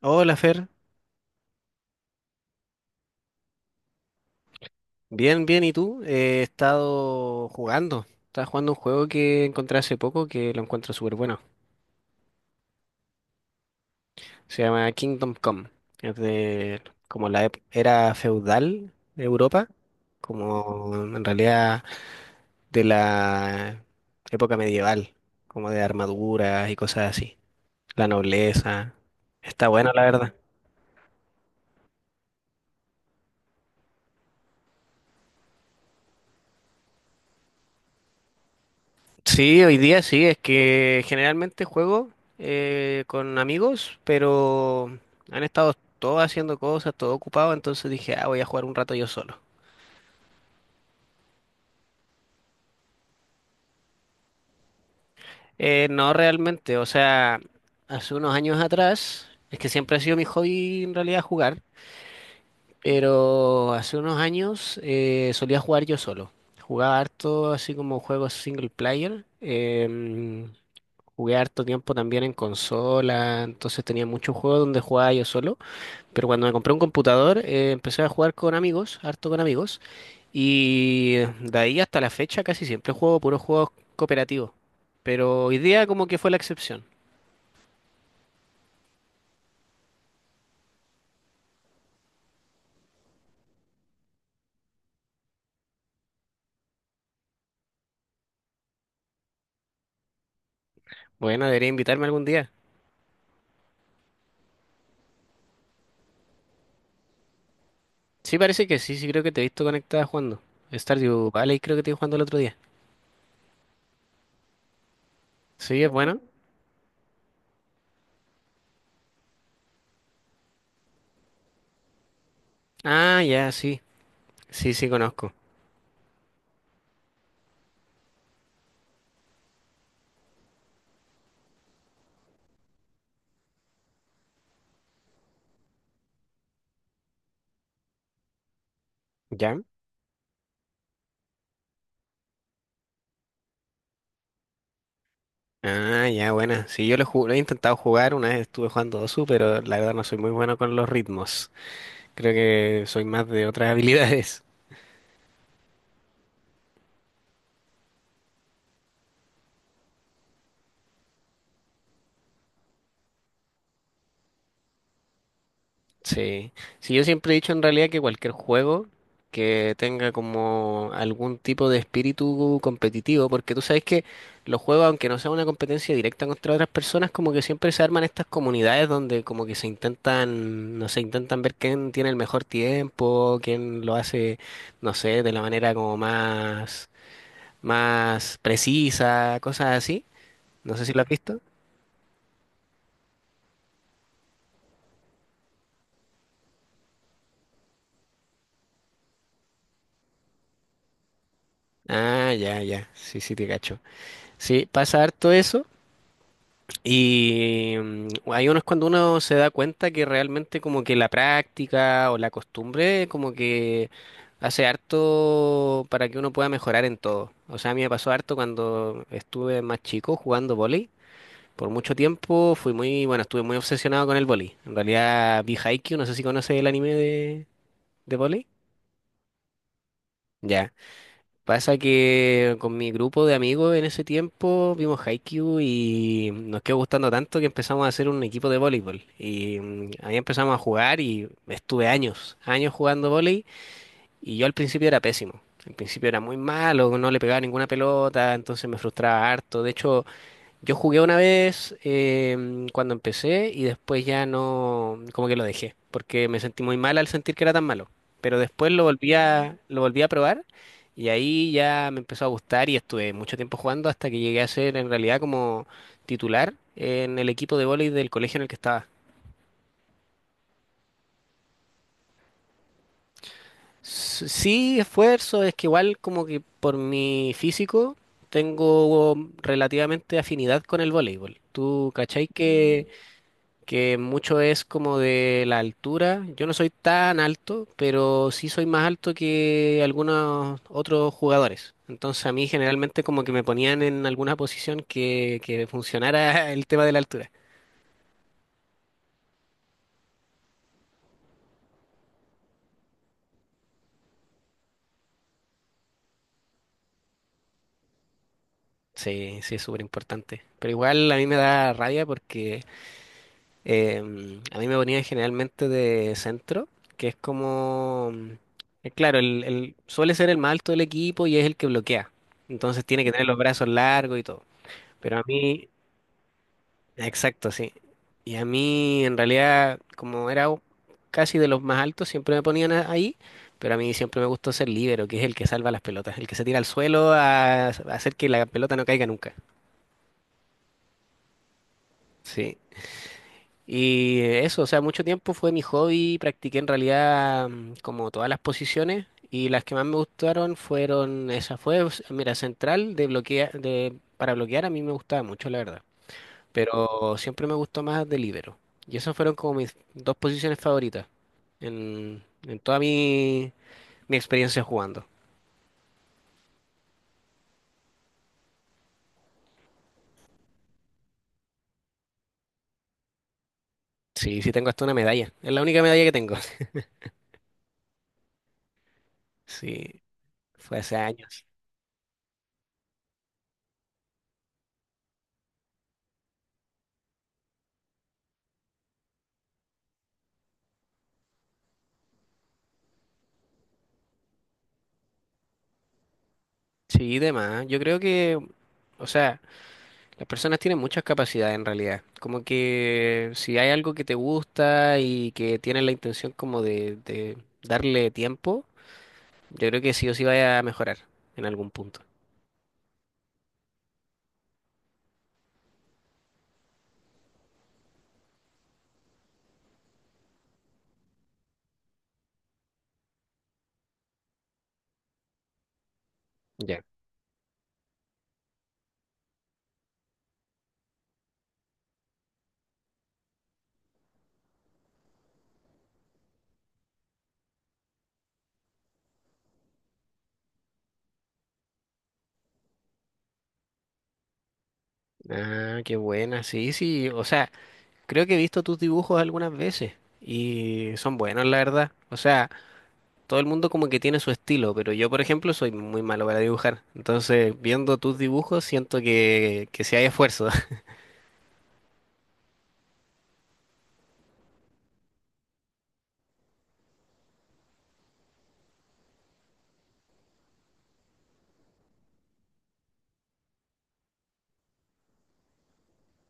Hola Fer, bien, bien, ¿y tú? He estado jugando, estaba jugando un juego que encontré hace poco que lo encuentro súper bueno, se llama Kingdom Come, es de como la era feudal de Europa, como en realidad de la época medieval, como de armaduras y cosas así, la nobleza, está bueno la verdad. Sí, hoy día sí, es que generalmente juego con amigos, pero han estado todos haciendo cosas, todo ocupado, entonces dije, ah, voy a jugar un rato yo solo. No realmente, o sea, hace unos años atrás, es que siempre ha sido mi hobby en realidad jugar, pero hace unos años solía jugar yo solo. Jugaba harto así como juegos single player, jugué harto tiempo también en consola, entonces tenía muchos juegos donde jugaba yo solo. Pero cuando me compré un computador, empecé a jugar con amigos, harto con amigos, y de ahí hasta la fecha casi siempre juego puros juegos cooperativos. Pero hoy día como que fue la excepción. Bueno, debería invitarme algún día. Sí, parece que sí, sí creo que te he visto conectada jugando. Stardew Valley creo que te vi jugando el otro día. Sí, es bueno. Ah, ya, sí. Sí, sí, conozco. ¿Ya? Ah, ya, buena. Sí, lo he intentado jugar, una vez estuve jugando Dosu, pero la verdad no soy muy bueno con los ritmos. Creo que soy más de otras habilidades. Sí, sí, yo siempre he dicho en realidad que cualquier juego que tenga como algún tipo de espíritu competitivo, porque tú sabes que los juegos, aunque no sea una competencia directa contra otras personas, como que siempre se arman estas comunidades donde como que se intentan, no sé, intentan ver quién tiene el mejor tiempo, quién lo hace, no sé, de la manera como más, más precisa, cosas así. No sé si lo has visto. Ah, ya, ya, sí, sí, te cacho. Sí, pasa harto eso. Y hay unos cuando uno se da cuenta que realmente como que la práctica o la costumbre como que hace harto para que uno pueda mejorar en todo. O sea, a mí me pasó harto cuando estuve más chico jugando vóley. Por mucho tiempo fui muy, bueno, estuve muy obsesionado con el vóley. En realidad vi Haikyuu, no sé si conoces el anime de vóley. Ya. Pasa que con mi grupo de amigos en ese tiempo vimos Haikyuu y nos quedó gustando tanto que empezamos a hacer un equipo de voleibol. Y ahí empezamos a jugar y estuve años, años jugando voleibol y yo al principio era pésimo. Al principio era muy malo, no le pegaba ninguna pelota, entonces me frustraba harto. De hecho, yo jugué una vez cuando empecé y después ya no, como que lo dejé, porque me sentí muy mal al sentir que era tan malo. Pero después lo volví a probar y ahí ya me empezó a gustar y estuve mucho tiempo jugando hasta que llegué a ser en realidad como titular en el equipo de vóley del colegio en el que estaba. Sí, esfuerzo, es que igual como que por mi físico tengo relativamente afinidad con el voleibol. ¿Tú cachai que mucho es como de la altura? Yo no soy tan alto, pero sí soy más alto que algunos otros jugadores. Entonces a mí generalmente como que me ponían en alguna posición que funcionara el tema de la altura. Sí, sí, es súper importante. Pero igual a mí me da rabia porque a mí me ponían generalmente de centro, que es como, claro, suele ser el más alto del equipo y es el que bloquea. Entonces tiene que tener los brazos largos y todo. Pero a mí, exacto, sí. Y a mí, en realidad, como era casi de los más altos, siempre me ponían ahí, pero a mí siempre me gustó ser líbero, que es el que salva las pelotas, el que se tira al suelo a hacer que la pelota no caiga nunca. Sí. Y eso, o sea, mucho tiempo fue mi hobby, practiqué en realidad como todas las posiciones y las que más me gustaron fueron, esa fue, mira, central de bloquea, de, para bloquear a mí me gustaba mucho, la verdad. Pero siempre me gustó más de. Y esas fueron como mis dos posiciones favoritas en toda mi, mi experiencia jugando. Sí, sí tengo hasta una medalla. Es la única medalla que tengo. Sí, fue hace años. Sí, demás. Yo creo que, o sea, las personas tienen muchas capacidades en realidad. Como que si hay algo que te gusta y que tienes la intención como de darle tiempo, yo creo que sí o sí vaya a mejorar en algún punto. Ya. Ah, qué buena. Sí, sí. O sea, creo que he visto tus dibujos algunas veces y son buenos, la verdad. O sea, todo el mundo como que tiene su estilo, pero yo, por ejemplo, soy muy malo para dibujar. Entonces, viendo tus dibujos, siento que sí hay esfuerzo.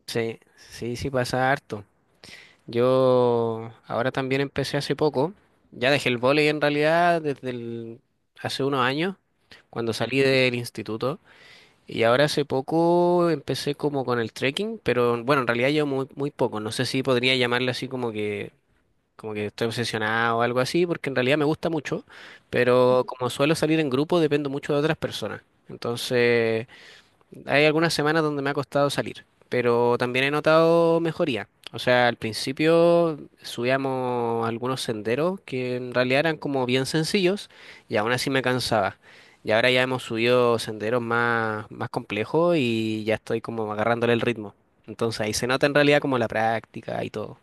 Sí, sí, sí pasa harto. Yo ahora también empecé hace poco. Ya dejé el vóley en realidad hace unos años, cuando salí del instituto. Y ahora hace poco empecé como con el trekking, pero bueno, en realidad yo muy, muy poco. No sé si podría llamarle así como que estoy obsesionado o algo así, porque en realidad me gusta mucho, pero como suelo salir en grupo, dependo mucho de otras personas. Entonces, hay algunas semanas donde me ha costado salir, pero también he notado mejoría. O sea, al principio subíamos algunos senderos que en realidad eran como bien sencillos y aún así me cansaba. Y ahora ya hemos subido senderos más, más complejos y ya estoy como agarrándole el ritmo. Entonces ahí se nota en realidad como la práctica y todo.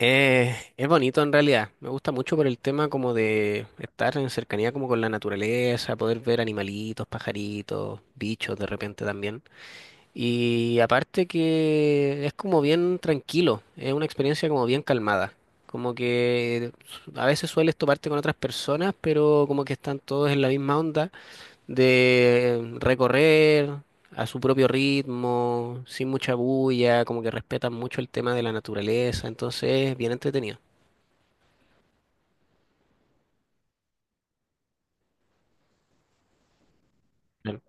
Es bonito en realidad. Me gusta mucho por el tema como de estar en cercanía como con la naturaleza, poder ver animalitos, pajaritos, bichos de repente también. Y aparte que es como bien tranquilo, es una experiencia como bien calmada. Como que a veces sueles toparte con otras personas, pero como que están todos en la misma onda de recorrer a su propio ritmo, sin mucha bulla, como que respetan mucho el tema de la naturaleza, entonces es bien entretenido. Claro.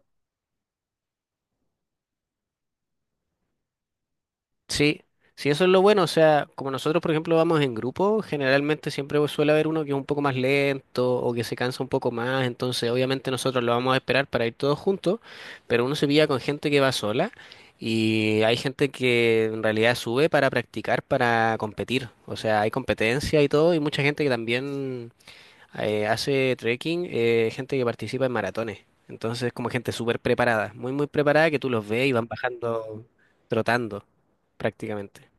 Sí, sí, eso es lo bueno. O sea, como nosotros, por ejemplo, vamos en grupo, generalmente siempre suele haber uno que es un poco más lento o que se cansa un poco más. Entonces, obviamente, nosotros lo vamos a esperar para ir todos juntos, pero uno se pilla con gente que va sola y hay gente que en realidad sube para practicar, para competir. O sea, hay competencia y todo, y mucha gente que también hace trekking gente que participa en maratones. Entonces, como gente súper preparada, muy, muy preparada, que tú los ves y van bajando trotando prácticamente.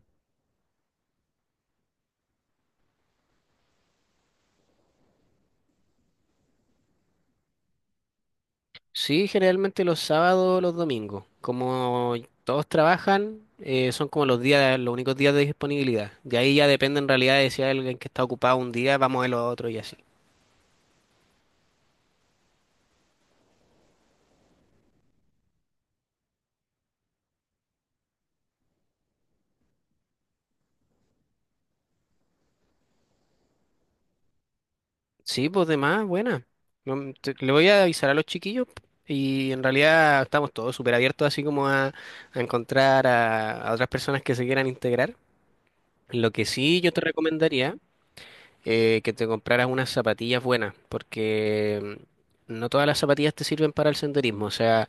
Sí, generalmente los sábados o los domingos. Como todos trabajan, son como los días, los únicos días de disponibilidad. De ahí ya depende en realidad de si hay alguien que está ocupado un día, vamos el otro y así. Sí, pues de más, buena. No, le voy a avisar a los chiquillos y en realidad estamos todos súper abiertos así como a encontrar a otras personas que se quieran integrar. Lo que sí yo te recomendaría que te compraras unas zapatillas buenas porque no todas las zapatillas te sirven para el senderismo. O sea,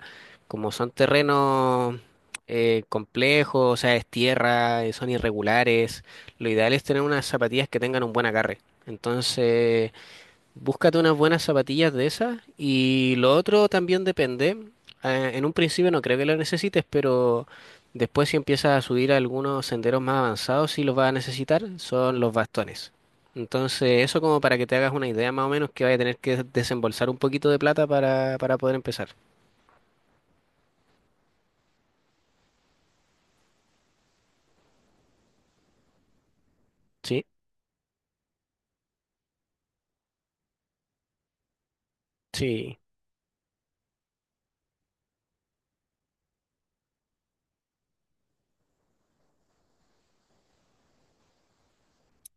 como son terrenos complejos, o sea, es tierra, son irregulares, lo ideal es tener unas zapatillas que tengan un buen agarre. Entonces... Búscate unas buenas zapatillas de esas y lo otro también depende. En un principio no creo que lo necesites, pero después si empiezas a subir a algunos senderos más avanzados, sí los vas a necesitar, son los bastones. Entonces, eso como para que te hagas una idea más o menos que vaya a tener que desembolsar un poquito de plata para poder empezar. Sí, sí,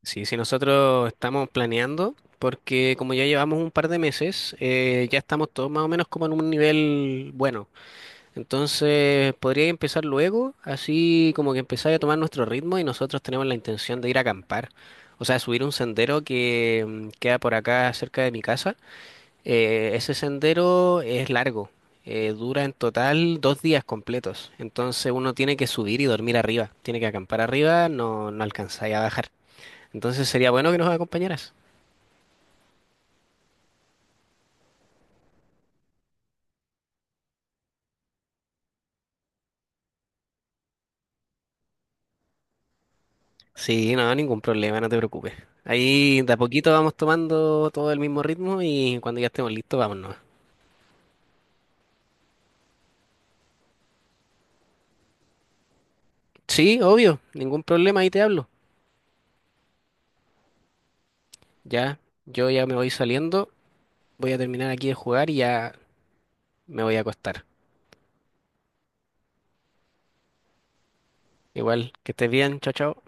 sí, nosotros estamos planeando, porque como ya llevamos un par de meses, ya estamos todos más o menos como en un nivel bueno. Entonces, podría empezar luego, así como que empezar a tomar nuestro ritmo y nosotros tenemos la intención de ir a acampar. O sea, subir un sendero que queda por acá cerca de mi casa. Ese sendero es largo, dura en total 2 días completos. Entonces uno tiene que subir y dormir arriba, tiene que acampar arriba, no, no alcanzáis a bajar. Entonces sería bueno que nos acompañaras. Sí, no, ningún problema, no te preocupes. Ahí de a poquito vamos tomando todo el mismo ritmo y cuando ya estemos listos, vámonos. Sí, obvio, ningún problema, ahí te hablo. Ya, yo ya me voy saliendo, voy a terminar aquí de jugar y ya me voy a acostar. Igual, que estés bien, chao, chao.